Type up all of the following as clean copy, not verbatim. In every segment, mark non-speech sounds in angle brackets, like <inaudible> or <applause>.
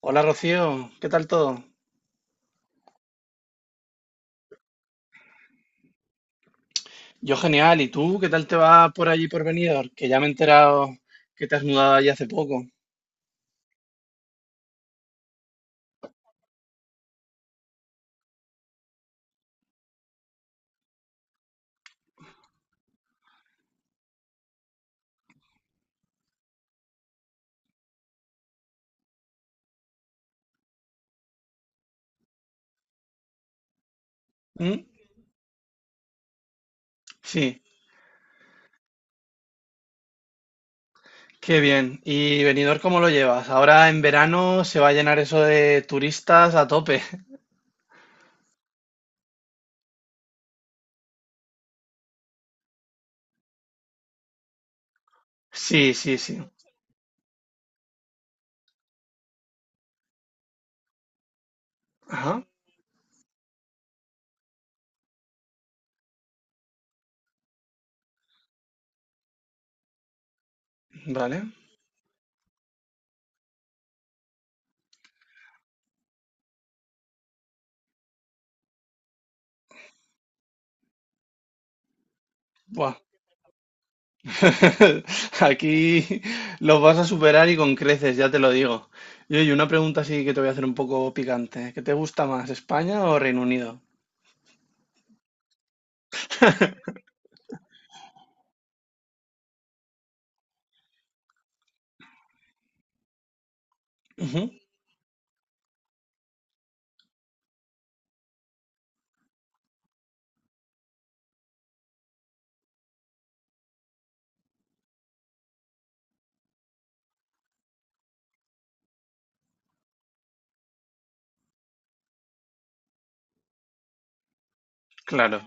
Hola Rocío, ¿qué tal todo? Yo genial, ¿y tú qué tal te va por allí por Benidorm? Que ya me he enterado que te has mudado allí hace poco. ¿Mm? Sí, qué bien. ¿Y Benidorm cómo lo llevas? Ahora en verano se va a llenar eso de turistas a tope. <laughs> Sí, sí, sí. Ajá, vale. Buah. <laughs> Aquí los vas a superar y con creces, ya te lo digo. Y oye, una pregunta así que te voy a hacer un poco picante. ¿Qué te gusta más, España o Reino Unido? Ujú. Claro.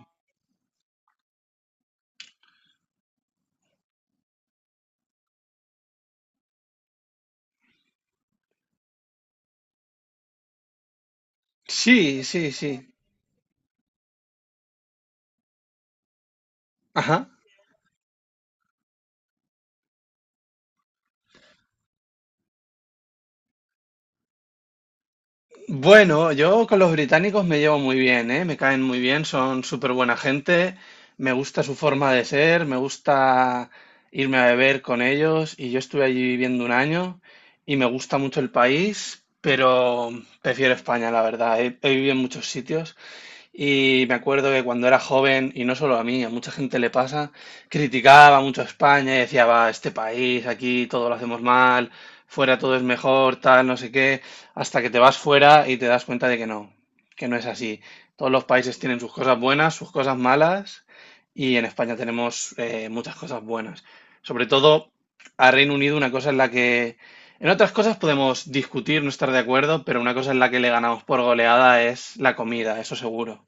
Sí, sí, sí. Ajá. Bueno, yo con los británicos me llevo muy bien, ¿eh? Me caen muy bien, son súper buena gente, me gusta su forma de ser, me gusta irme a beber con ellos y yo estuve allí viviendo un año y me gusta mucho el país, pero prefiero España, la verdad. He vivido en muchos sitios. Y me acuerdo que cuando era joven, y no solo a mí, a mucha gente le pasa, criticaba mucho a España y decía, va, este país, aquí todo lo hacemos mal, fuera todo es mejor, tal, no sé qué, hasta que te vas fuera y te das cuenta de que no es así. Todos los países tienen sus cosas buenas, sus cosas malas, y en España tenemos muchas cosas buenas. Sobre todo a Reino Unido, una cosa en la que... En otras cosas podemos discutir, no estar de acuerdo, pero una cosa en la que le ganamos por goleada es la comida, eso seguro.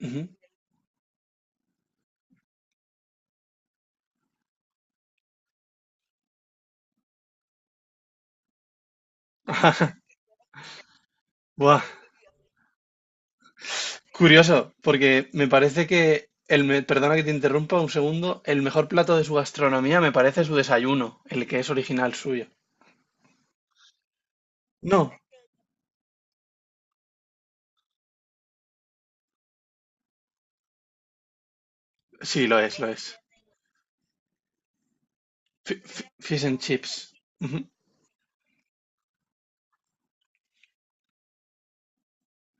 Ujú. <laughs> Buah, curioso, porque me parece que perdona que te interrumpa un segundo, el mejor plato de su gastronomía me parece su desayuno, el que es original suyo. No, sí, lo es, lo es. Fish and chips. Ujú.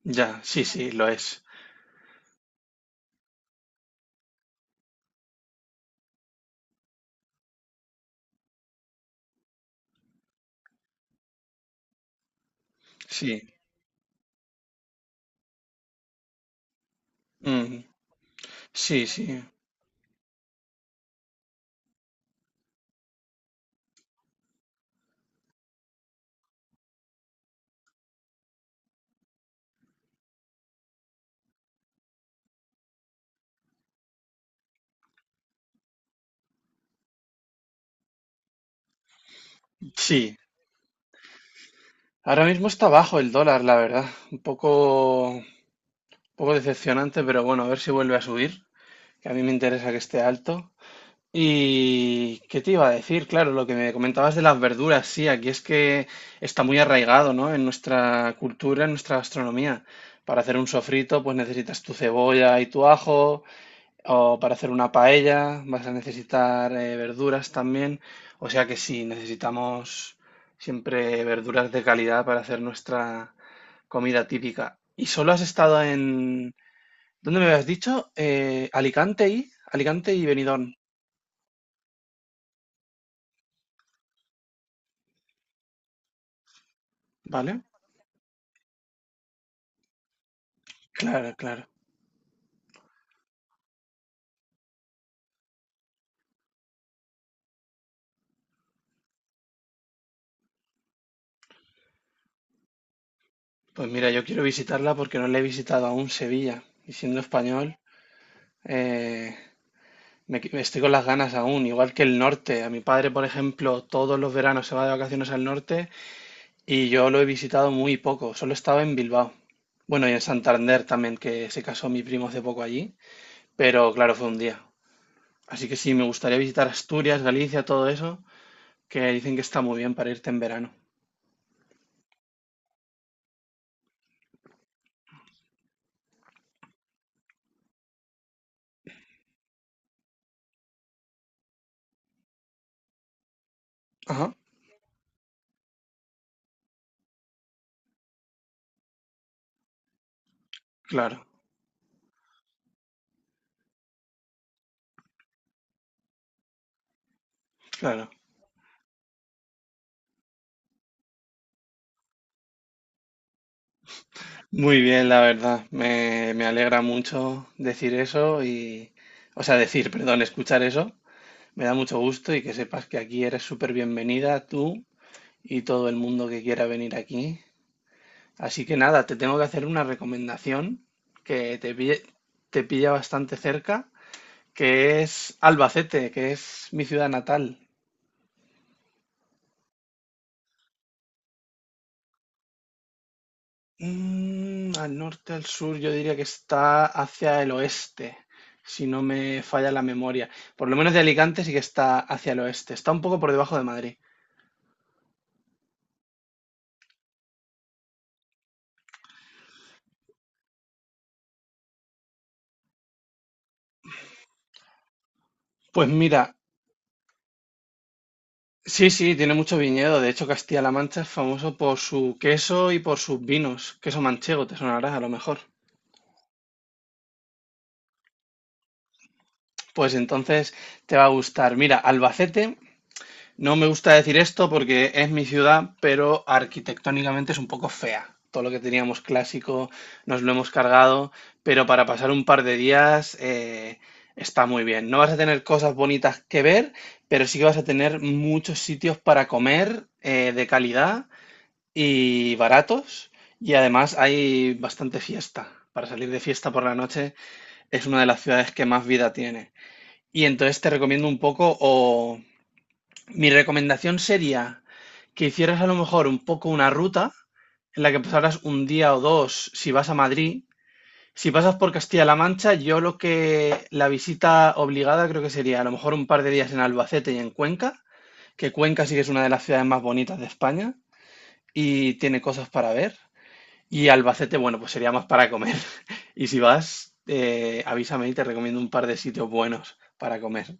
Ya, sí, sí, lo es. Sí. Mm. Sí, sí. Sí. Ahora mismo está bajo el dólar, la verdad. Un poco decepcionante, pero bueno, a ver si vuelve a subir, que a mí me interesa que esté alto. ¿Y qué te iba a decir? Claro, lo que me comentabas de las verduras, sí, aquí es que está muy arraigado, ¿no? En nuestra cultura, en nuestra gastronomía. Para hacer un sofrito, pues necesitas tu cebolla y tu ajo, o para hacer una paella vas a necesitar verduras también. O sea que sí, necesitamos siempre verduras de calidad para hacer nuestra comida típica. ¿Y solo has estado en... ¿Dónde me habías dicho? Alicante y... Alicante y Benidorm, ¿vale? Claro, claro. Pues mira, yo quiero visitarla porque no la he visitado aún Sevilla. Y siendo español, eh, estoy con las ganas aún, igual que el norte. A mi padre, por ejemplo, todos los veranos se va de vacaciones al norte y yo lo he visitado muy poco. Solo estaba en Bilbao. Bueno, y en Santander también, que se casó mi primo hace poco allí. Pero claro, fue un día. Así que sí, me gustaría visitar Asturias, Galicia, todo eso, que dicen que está muy bien para irte en verano. Ajá, claro, claro. Muy bien, la verdad. Me alegra mucho decir eso y, o sea, decir, perdón, escuchar eso. Me da mucho gusto y que sepas que aquí eres súper bienvenida tú y todo el mundo que quiera venir aquí. Así que nada, te tengo que hacer una recomendación que te pille- te pilla bastante cerca, que es Albacete, que es mi ciudad natal. Mm, al norte, al sur, yo diría que está hacia el oeste, si no me falla la memoria. Por lo menos de Alicante sí que está hacia el oeste. Está un poco por debajo de Madrid. Pues mira, sí, sí, tiene mucho viñedo. De hecho, Castilla-La Mancha es famoso por su queso y por sus vinos. Queso manchego, te sonará a lo mejor. Pues entonces te va a gustar. Mira, Albacete. No me gusta decir esto porque es mi ciudad, pero arquitectónicamente es un poco fea. Todo lo que teníamos clásico nos lo hemos cargado, pero para pasar un par de días está muy bien. No vas a tener cosas bonitas que ver, pero sí que vas a tener muchos sitios para comer de calidad y baratos. Y además hay bastante fiesta. Para salir de fiesta por la noche es una de las ciudades que más vida tiene. Y entonces te recomiendo un poco o mi recomendación sería que hicieras a lo mejor un poco una ruta en la que pasaras un día o dos si vas a Madrid. Si pasas por Castilla-La Mancha, yo lo que la visita obligada creo que sería a lo mejor un par de días en Albacete y en Cuenca, que Cuenca sí que es una de las ciudades más bonitas de España y tiene cosas para ver. Y Albacete, bueno, pues sería más para comer. <laughs> Y si vas, avísame y te recomiendo un par de sitios buenos para comer.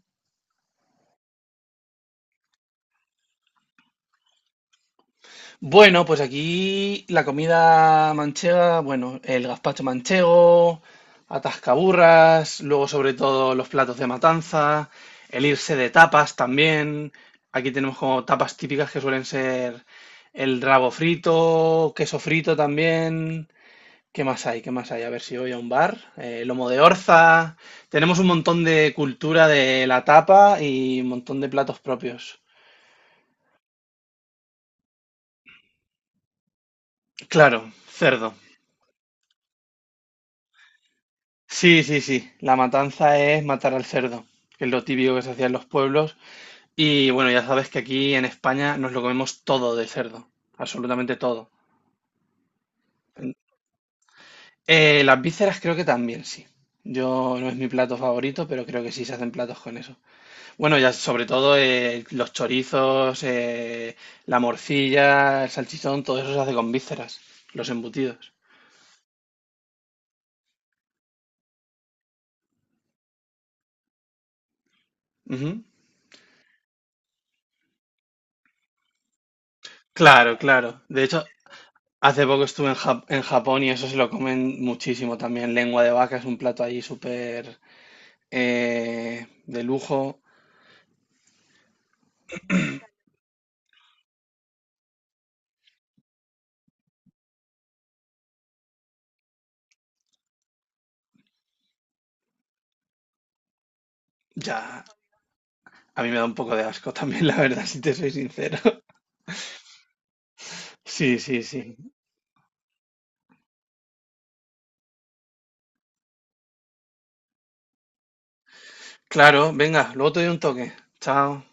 Bueno, pues aquí la comida manchega, bueno, el gazpacho manchego, atascaburras, luego sobre todo los platos de matanza, el irse de tapas también. Aquí tenemos como tapas típicas que suelen ser el rabo frito, queso frito también. ¿Qué más hay? ¿Qué más hay? A ver si voy a un bar. Lomo de orza. Tenemos un montón de cultura de la tapa y un montón de platos propios. Claro, cerdo. Sí, sí, sí. La matanza es matar al cerdo, que es lo típico que se hacía en los pueblos. Y bueno, ya sabes que aquí en España nos lo comemos todo de cerdo, absolutamente todo. Las vísceras creo que también sí. Yo no es mi plato favorito, pero creo que sí se hacen platos con eso. Bueno, ya sobre todo los chorizos, la morcilla, el salchichón, todo eso se hace con vísceras, los embutidos. Ujú. Claro, claro. De hecho, hace poco estuve en, en Japón y eso se lo comen muchísimo también. Lengua de vaca es un plato allí súper de lujo. Ya, a mí me da un poco de asco también, <laughs> la verdad, si te soy sincero. <laughs> Sí, sí, sí. Claro, venga, luego te doy un toque. Chao.